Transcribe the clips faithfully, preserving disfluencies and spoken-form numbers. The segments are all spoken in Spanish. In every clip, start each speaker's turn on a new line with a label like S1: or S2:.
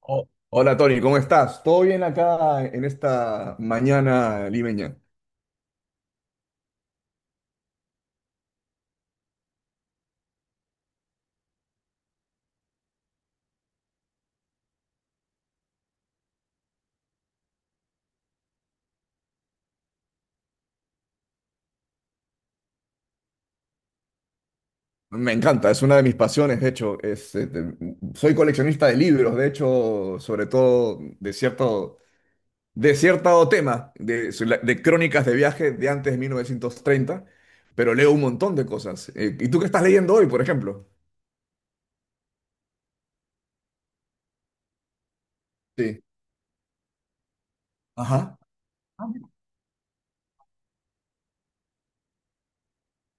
S1: Oh, hola Tony, ¿cómo estás? ¿Todo bien acá en esta mañana limeña? Me encanta, es una de mis pasiones, de hecho. Es, este, soy coleccionista de libros, de hecho, sobre todo de cierto, de cierto tema, de, de crónicas de viaje de antes de mil novecientos treinta. Pero leo un montón de cosas. Eh, ¿y tú qué estás leyendo hoy, por ejemplo? Sí. Ajá. Ah, mira.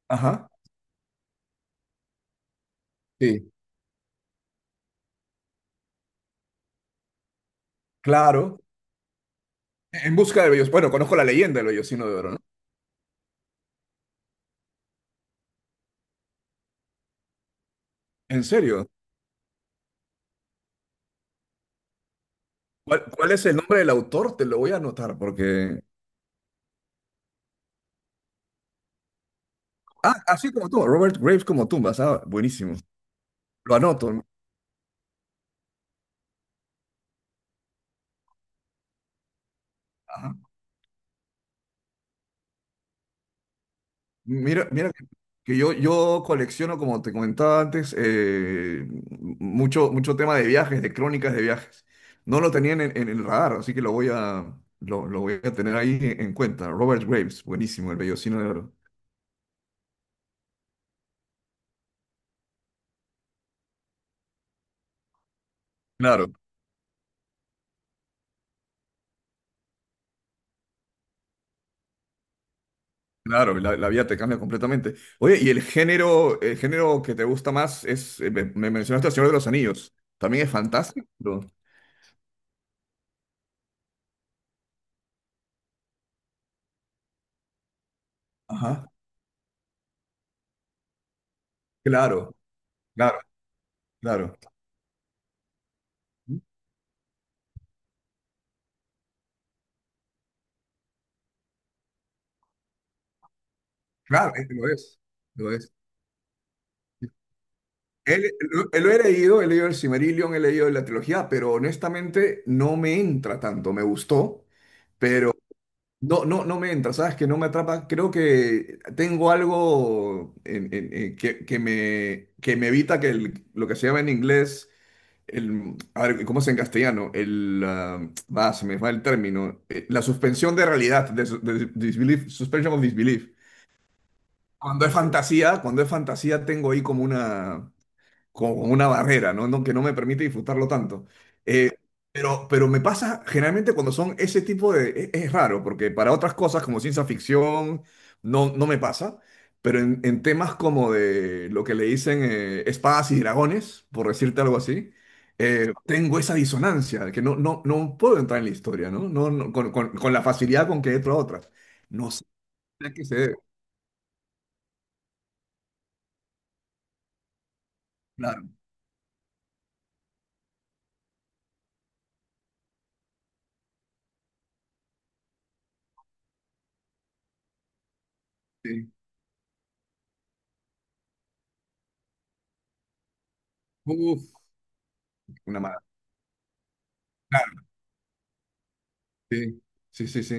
S1: Ajá. Sí, claro. En busca del Bello. Bueno, conozco la leyenda del Bellocino de Oro, ¿no? ¿En serio? ¿Cuál, cuál es el nombre del autor? Te lo voy a anotar porque... Ah, así como tú, Robert Graves como tumbas. Ah, buenísimo. Lo anoto, ¿no? Ajá. Mira, mira que yo, yo colecciono, como te comentaba antes, eh, mucho, mucho tema de viajes, de crónicas de viajes. No lo tenían en, en el radar, así que lo voy a, lo, lo voy a tener ahí en cuenta. Robert Graves, buenísimo, el vellocino de oro. Claro. Claro, la, la vida te cambia completamente. Oye, ¿y el género, el género que te gusta más es, eh, me me mencionaste El Señor de los Anillos, también es fantástico. Ajá, claro, claro, claro. Claro, es que lo es, lo es. Él, lo, lo he leído, he leído el Silmarillion, he leído la trilogía, pero honestamente no me entra tanto, me gustó, pero no, no, no me entra, ¿sabes? Que no me atrapa, creo que tengo algo en- en- en- que, que me, que me evita que el- lo que se llama en inglés el, a ver, ¿cómo es en castellano? El, ah, va, se me va el término. Eh, La suspensión de realidad, de, su- de disbelief, suspension of disbelief. Cuando es fantasía, cuando es fantasía tengo ahí como una, como una barrera, ¿no? No, que no me permite disfrutarlo tanto. Eh, pero, pero me pasa generalmente cuando son ese tipo de... Es, es raro, porque para otras cosas como ciencia ficción no, no me pasa, pero en, en temas como de lo que le dicen eh, espadas y dragones, por decirte algo así, eh, tengo esa disonancia, de que no, no, no puedo entrar en la historia, ¿no? No, no, con, con- con la facilidad con que entro a otras. No sé a qué se debe. Claro, sí. Uf, una mala. Claro, sí, sí, sí, sí.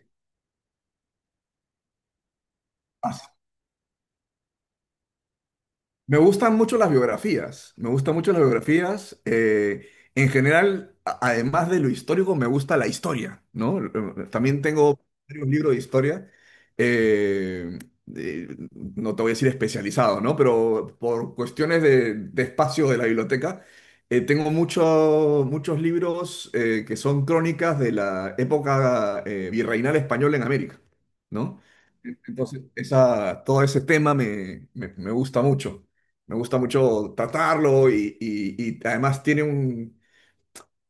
S1: Me gustan mucho las biografías, me gustan mucho las biografías. eh, en general, a- además de lo histórico, me gusta la historia, ¿no? Eh, también tengo varios libros de historia, eh, eh, no te voy a decir especializado, ¿no? Pero por cuestiones de, de espacio de la biblioteca, eh, tengo mucho- muchos libros eh, que son crónicas de la época eh, virreinal española en América, ¿no? Entonces, esa, todo ese tema me me- me gusta mucho. Me gusta mucho tratarlo y, y- y además tiene un,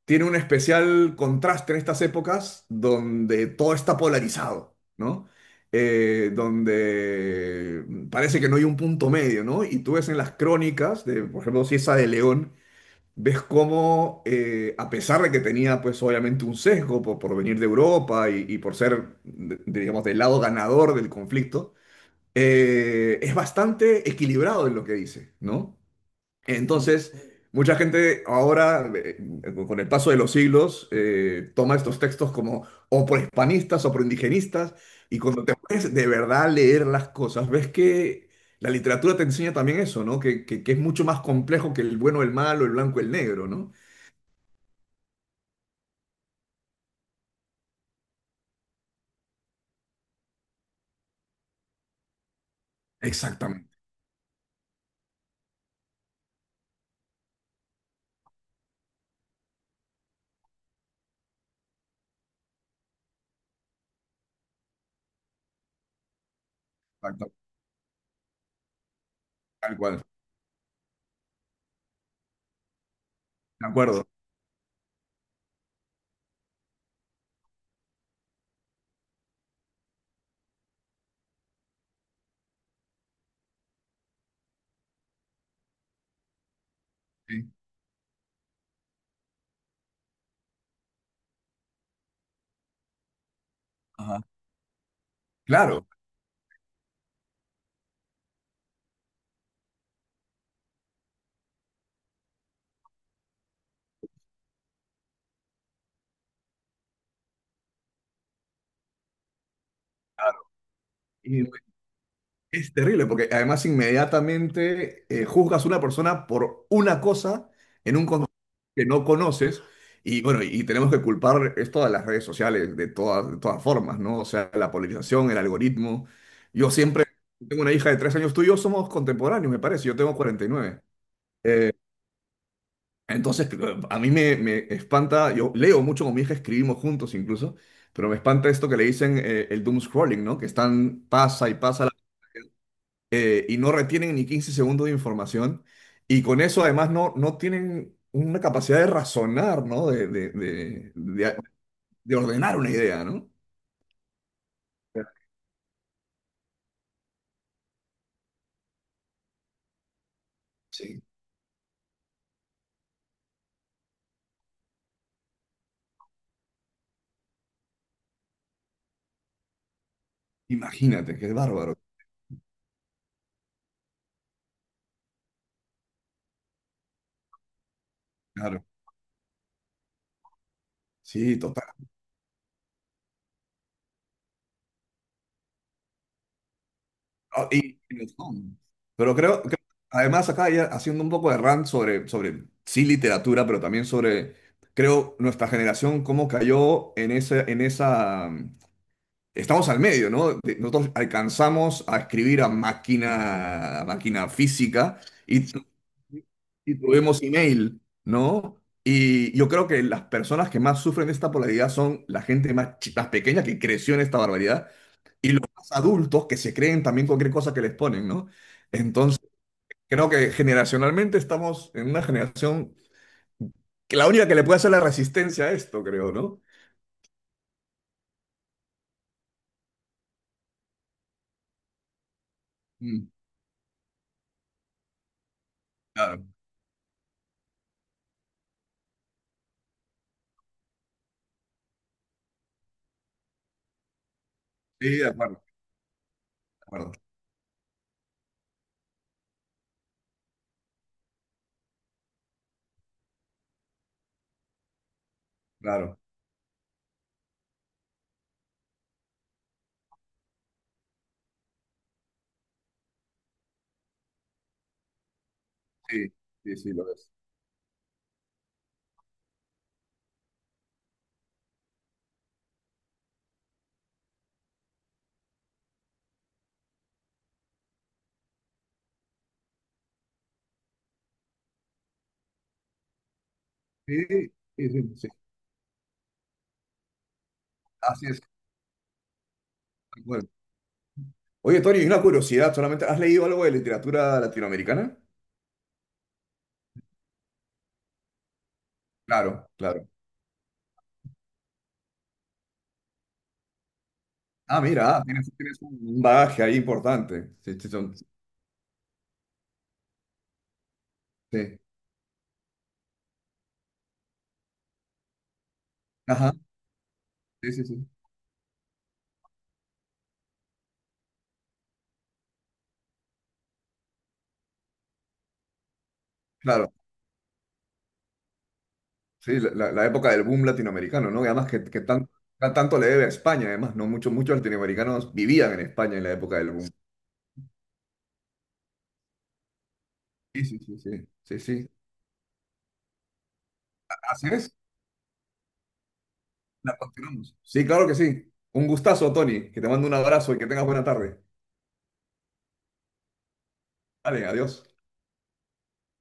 S1: tiene un especial contraste en estas épocas donde todo está polarizado, ¿no? Eh, donde parece que no hay un punto medio, ¿no? Y tú ves en las crónicas, de, por ejemplo, si esa de León, ves cómo, eh, a pesar de que tenía, pues obviamente un sesgo por, por venir de Europa y, y por ser, de- digamos, del lado ganador del conflicto, eh, es bastante equilibrado en lo que dice, ¿no? Entonces, mucha gente ahora, eh, con el paso de los siglos, eh, toma estos textos como o prohispanistas o proindigenistas, y cuando te pones de verdad a leer las cosas, ves que la literatura te enseña también eso, ¿no? Que, que- que es mucho más complejo que el bueno, el malo, el blanco, el negro, ¿no? Exactamente, exacto, tal cual, de acuerdo. Sí, ajá. Claro. Claro. Y es terrible porque además inmediatamente eh, juzgas a una persona por una cosa en un que no conoces. Y bueno, y tenemos que culpar esto a las redes sociales de todas, de todas formas, ¿no? O sea, la polarización, el algoritmo. Yo siempre tengo una hija de tres años, tú y yo somos contemporáneos, me parece, yo tengo cuarenta y nueve. Eh, entonces, cl- a mí me, me espanta, yo leo mucho con mi hija, escribimos juntos incluso, pero me espanta esto que le dicen eh, el doom scrolling, ¿no? Que están, pasa y pasa eh, y no retienen ni quince segundos de información. Y con eso además no, no tienen una capacidad de razonar, ¿no? De, de, de, de- de ordenar una idea, ¿no? Sí. Imagínate, qué bárbaro. Claro, sí, total. Ah, y- y no son. Pero creo que además acá ya haciendo un poco de rant sobre, sobre, sí, literatura, pero también sobre, creo, nuestra generación, cómo cayó en ese, en esa... estamos al medio, ¿no? De- Nosotros alcanzamos a escribir a máquina, a máquina física y, y tuvimos email, ¿no? Y yo creo que las personas que más sufren de esta polaridad son la gente más, chi- más pequeña que creció en esta barbaridad y los más adultos que se creen también cualquier cosa que les ponen, ¿no? Entonces, creo que generacionalmente estamos en una generación que la única que le puede hacer la resistencia a esto, creo, ¿no? Mm, claro. Sí, de acuerdo, de acuerdo, claro. Sí, sí, sí, lo es. Sí, sí, sí, sí, así es. Tal cual. Oye, Tony, una curiosidad, solamente, ¿has leído algo de literatura latinoamericana? Claro, claro. Ah, mira, ah, tienes, tienes un bagaje ahí importante. Sí, sí, son- sí. Ajá, sí, sí, sí. Claro, sí, la, la- la época del boom latinoamericano, ¿no? Y además que, que tan- tan- tanto le debe a España, además, ¿no? Muchos, muchos latinoamericanos vivían en España en la época del boom. Sí, sí, sí, sí, sí, sí. Así es, la continuamos. Sí, claro que sí. Un gustazo, Tony, que te mando un abrazo y que tengas buena tarde. Vale, adiós.